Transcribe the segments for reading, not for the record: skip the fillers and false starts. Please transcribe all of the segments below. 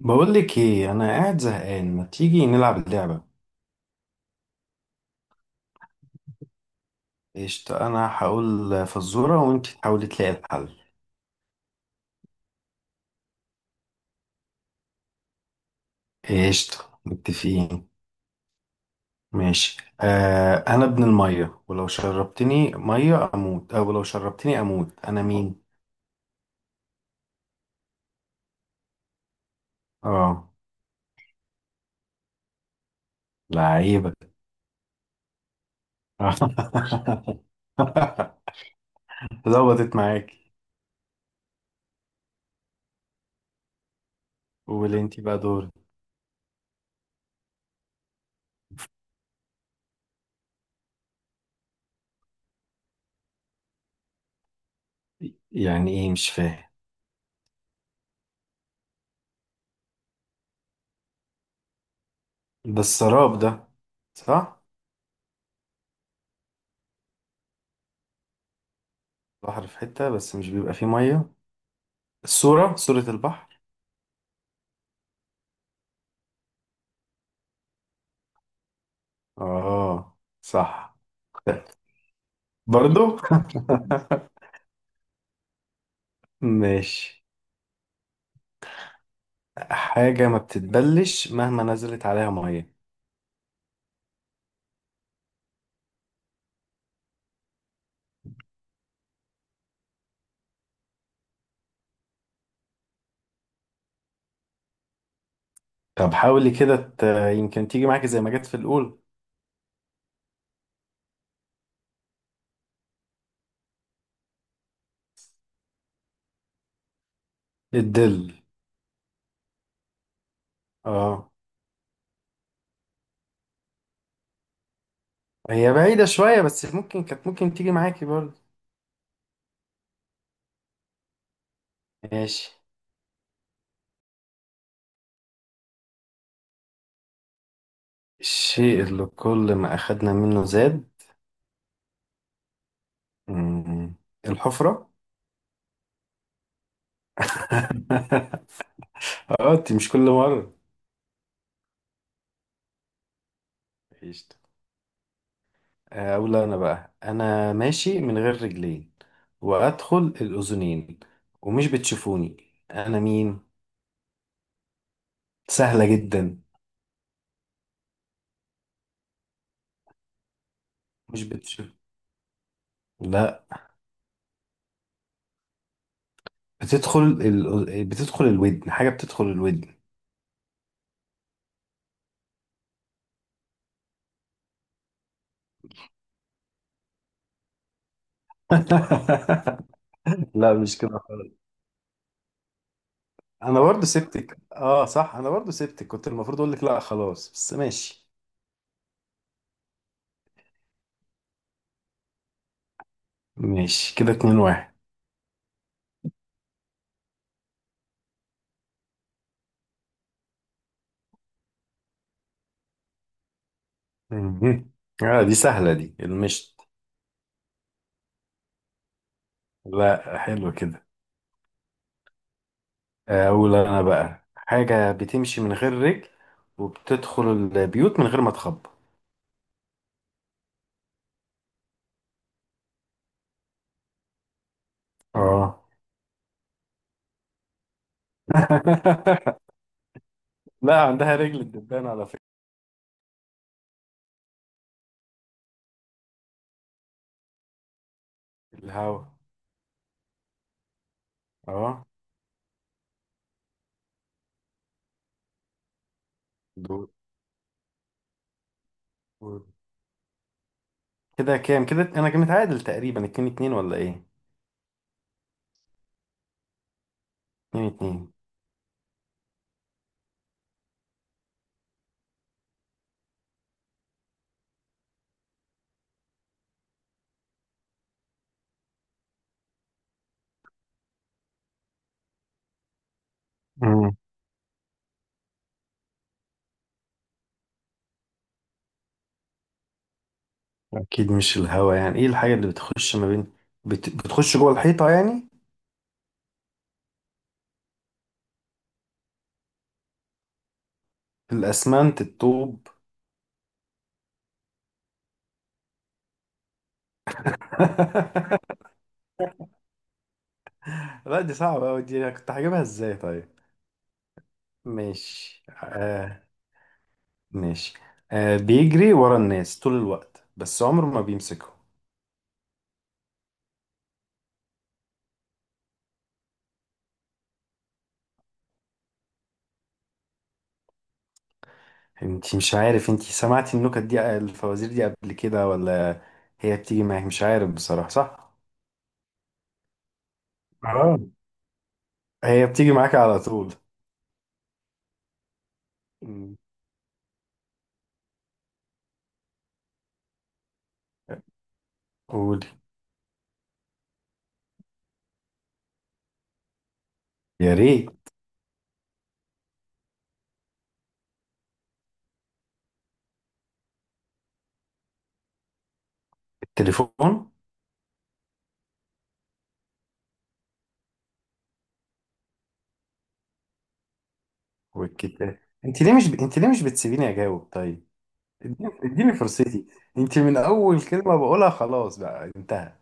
بقول لك ايه؟ انا قاعد زهقان، ما تيجي نلعب اللعبه؟ قشطه، انا هقول فزوره وانت تحاولي تلاقي الحل. قشطه متفقين. ماشي، آه، انا ابن الميه ولو شربتني ميه اموت، او لو شربتني اموت، انا مين؟ اه. لعيبه. ظبطت معاكي. قولي انت بقى، دور. يعني ايه؟ مش فاهم. ده السراب ده، صح؟ بحر في حته بس مش بيبقى فيه ميه، الصوره صوره البحر. اه صح. برضو. ماشي. حاجة ما بتتبلش مهما نزلت عليها مية. طب حاولي كده يمكن تيجي معاكي زي ما جت في الأول. الدل. اه. هي بعيدة شوية بس ممكن كانت، ممكن تيجي معاكي برضو. ماشي. الشيء اللي كل ما أخدنا منه زاد. مم. الحفرة. اه، انت مش كل مرة. اقول انا بقى: انا ماشي من غير رجلين، وادخل الاذنين، ومش بتشوفوني، انا مين؟ سهلة جدا. مش بتشوف. لا. بتدخل الودن، حاجة بتدخل الودن. لا، مش كده خالص. انا برضو سبتك، اه صح، انا برضو سبتك كنت المفروض اقول لك لا خلاص، بس ماشي. ماشي، كده اتنين واحد. مهم. اه دي سهلة، دي المشط. لا حلو كده. أقول أنا بقى: حاجة بتمشي من غير رجل، وبتدخل البيوت من غير ما تخبط. اه. لا، عندها رجل الدبان على فكرة. الهوا. اه. دول كده كام؟ كده أنا كنت متعادل تقريبا اتنين اتنين ولا إيه؟ اتنين اتنين. مم. أكيد مش الهوا، يعني إيه الحاجة اللي بتخش ما بين، بتخش جوه الحيطة يعني؟ الأسمنت، الطوب. لا دي صعبة أوي، دي أنا كنت هجيبها إزاي طيب؟ ماشي آه. ماشي، آه بيجري ورا الناس طول الوقت بس عمره ما بيمسكهم. انتي مش عارف، انتي سمعتي النكت دي، الفوازير دي قبل كده ولا؟ هي بتيجي معاك مش عارف بصراحة، صح؟ اه هي بتيجي معاك على طول. مم. قولي. يا ريت. التليفون والكتاب. انت ليه مش ب... انت ليه مش بتسيبيني اجاوب طيب؟ اديني فرصتي، انت من اول كلمة بقولها خلاص بقى انتهى.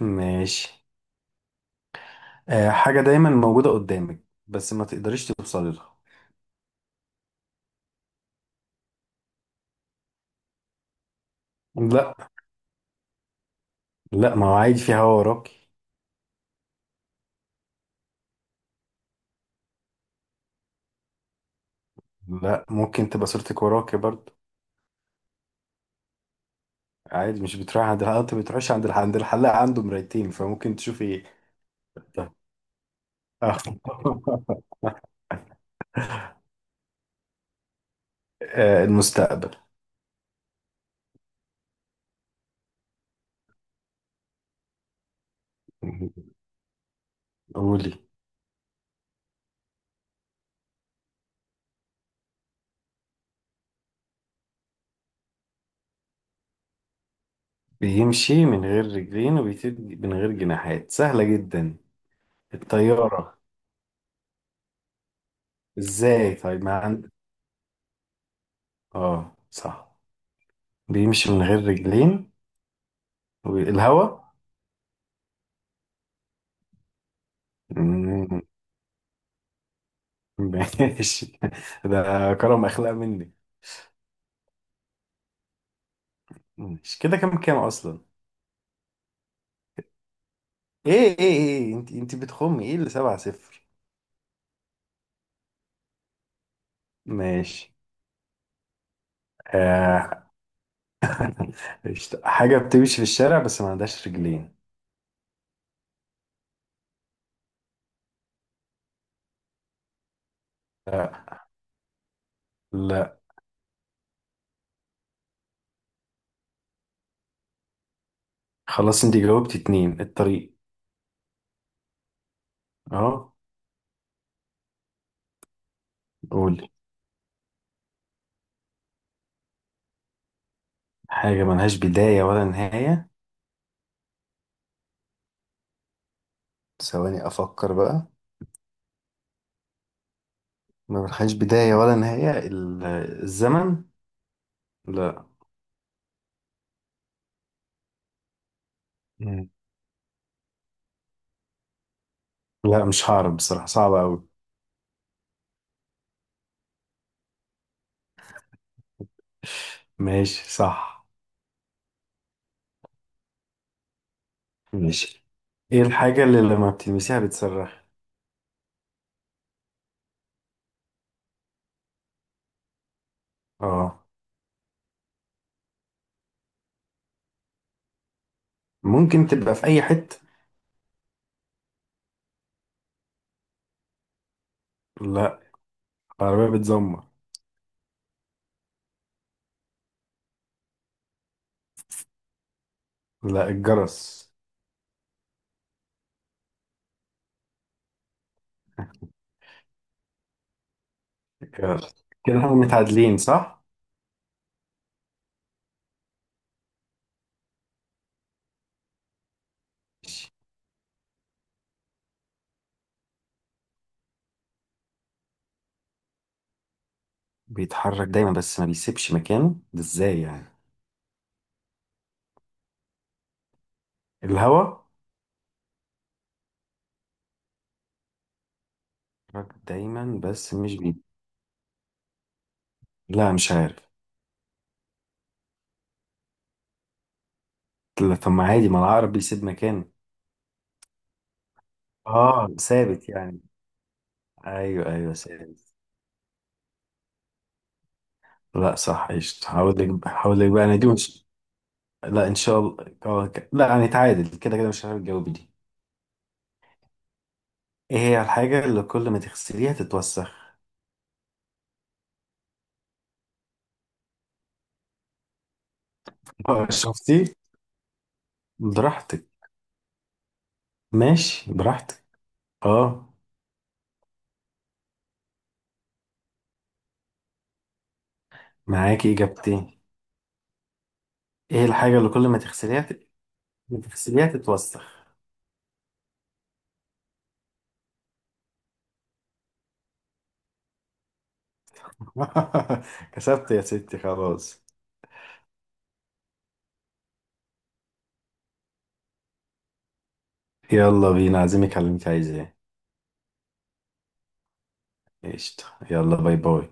ماشي. آه حاجة دايما موجودة قدامك، بس ما تقدريش توصلي لها. لا. لا، ما هو عادي في هوا وراكي. لا، ممكن تبقى صورتك وراكي برضه. عادي، مش بتروح عند الحلاق؟ انت بتروحش عند عند الحلاق؟ عنده مرايتين فممكن تشوفي. ده. آه. آه، المستقبل. قولي. بيمشي من غير رجلين وبيطير من غير جناحات، سهلة جدا. الطيارة. ازاي طيب؟ ما عند، اه صح. بيمشي من غير رجلين، والهوا. مم، ماشي. ده كرم اخلاق مني. ماشي، كده كام كام اصلا؟ ايه ايه ايه، انت بتخمي، ايه اللي سبعة صفر؟ ماشي آه. قشطة. حاجة بتمشي في الشارع بس ما عندهاش رجلين. لا. لا خلاص، انت جاوبتي اتنين. الطريق. اه. قولي. حاجة ملهاش بداية ولا نهاية. ثواني افكر بقى. ما ملهاش بداية ولا نهاية، الزمن. لا. مم. لا مش هعرف بصراحة، صعبة أوي. ماشي صح. ماشي. ايه الحاجة اللي لما بتلمسيها بتصرخ؟ اه. ممكن تبقى في أي حتة. لا، العربية بتزمر. لا، الجرس. الجرس. كده احنا متعادلين صح؟ بيتحرك دايما بس ما بيسيبش مكانه، ده ازاي يعني؟ الهوا. بيتحرك دايما بس مش بي لا مش عارف. لا، طب ما عادي، ما العقرب بيسيب مكانه. اه ثابت يعني. ايوه ايوه ثابت. لا صح قشطة. هقول لك، هقول لك بقى انا، دي مش. لا ان شاء الله. آه، لا هنتعادل كده كده، مش عارف الجواب دي. ايه هي الحاجة اللي كل ما تغسليها تتوسخ؟ آه، شفتي. براحتك. ماشي براحتك. اه. معاكي اجابتين. ايه الحاجة اللي كل ما تغسليها، ما تغسليها تتوسخ؟ كسبت يا ستي خلاص. يلا بينا، عازمك على اللي انت عايزاه. قشطة. يلا باي باي.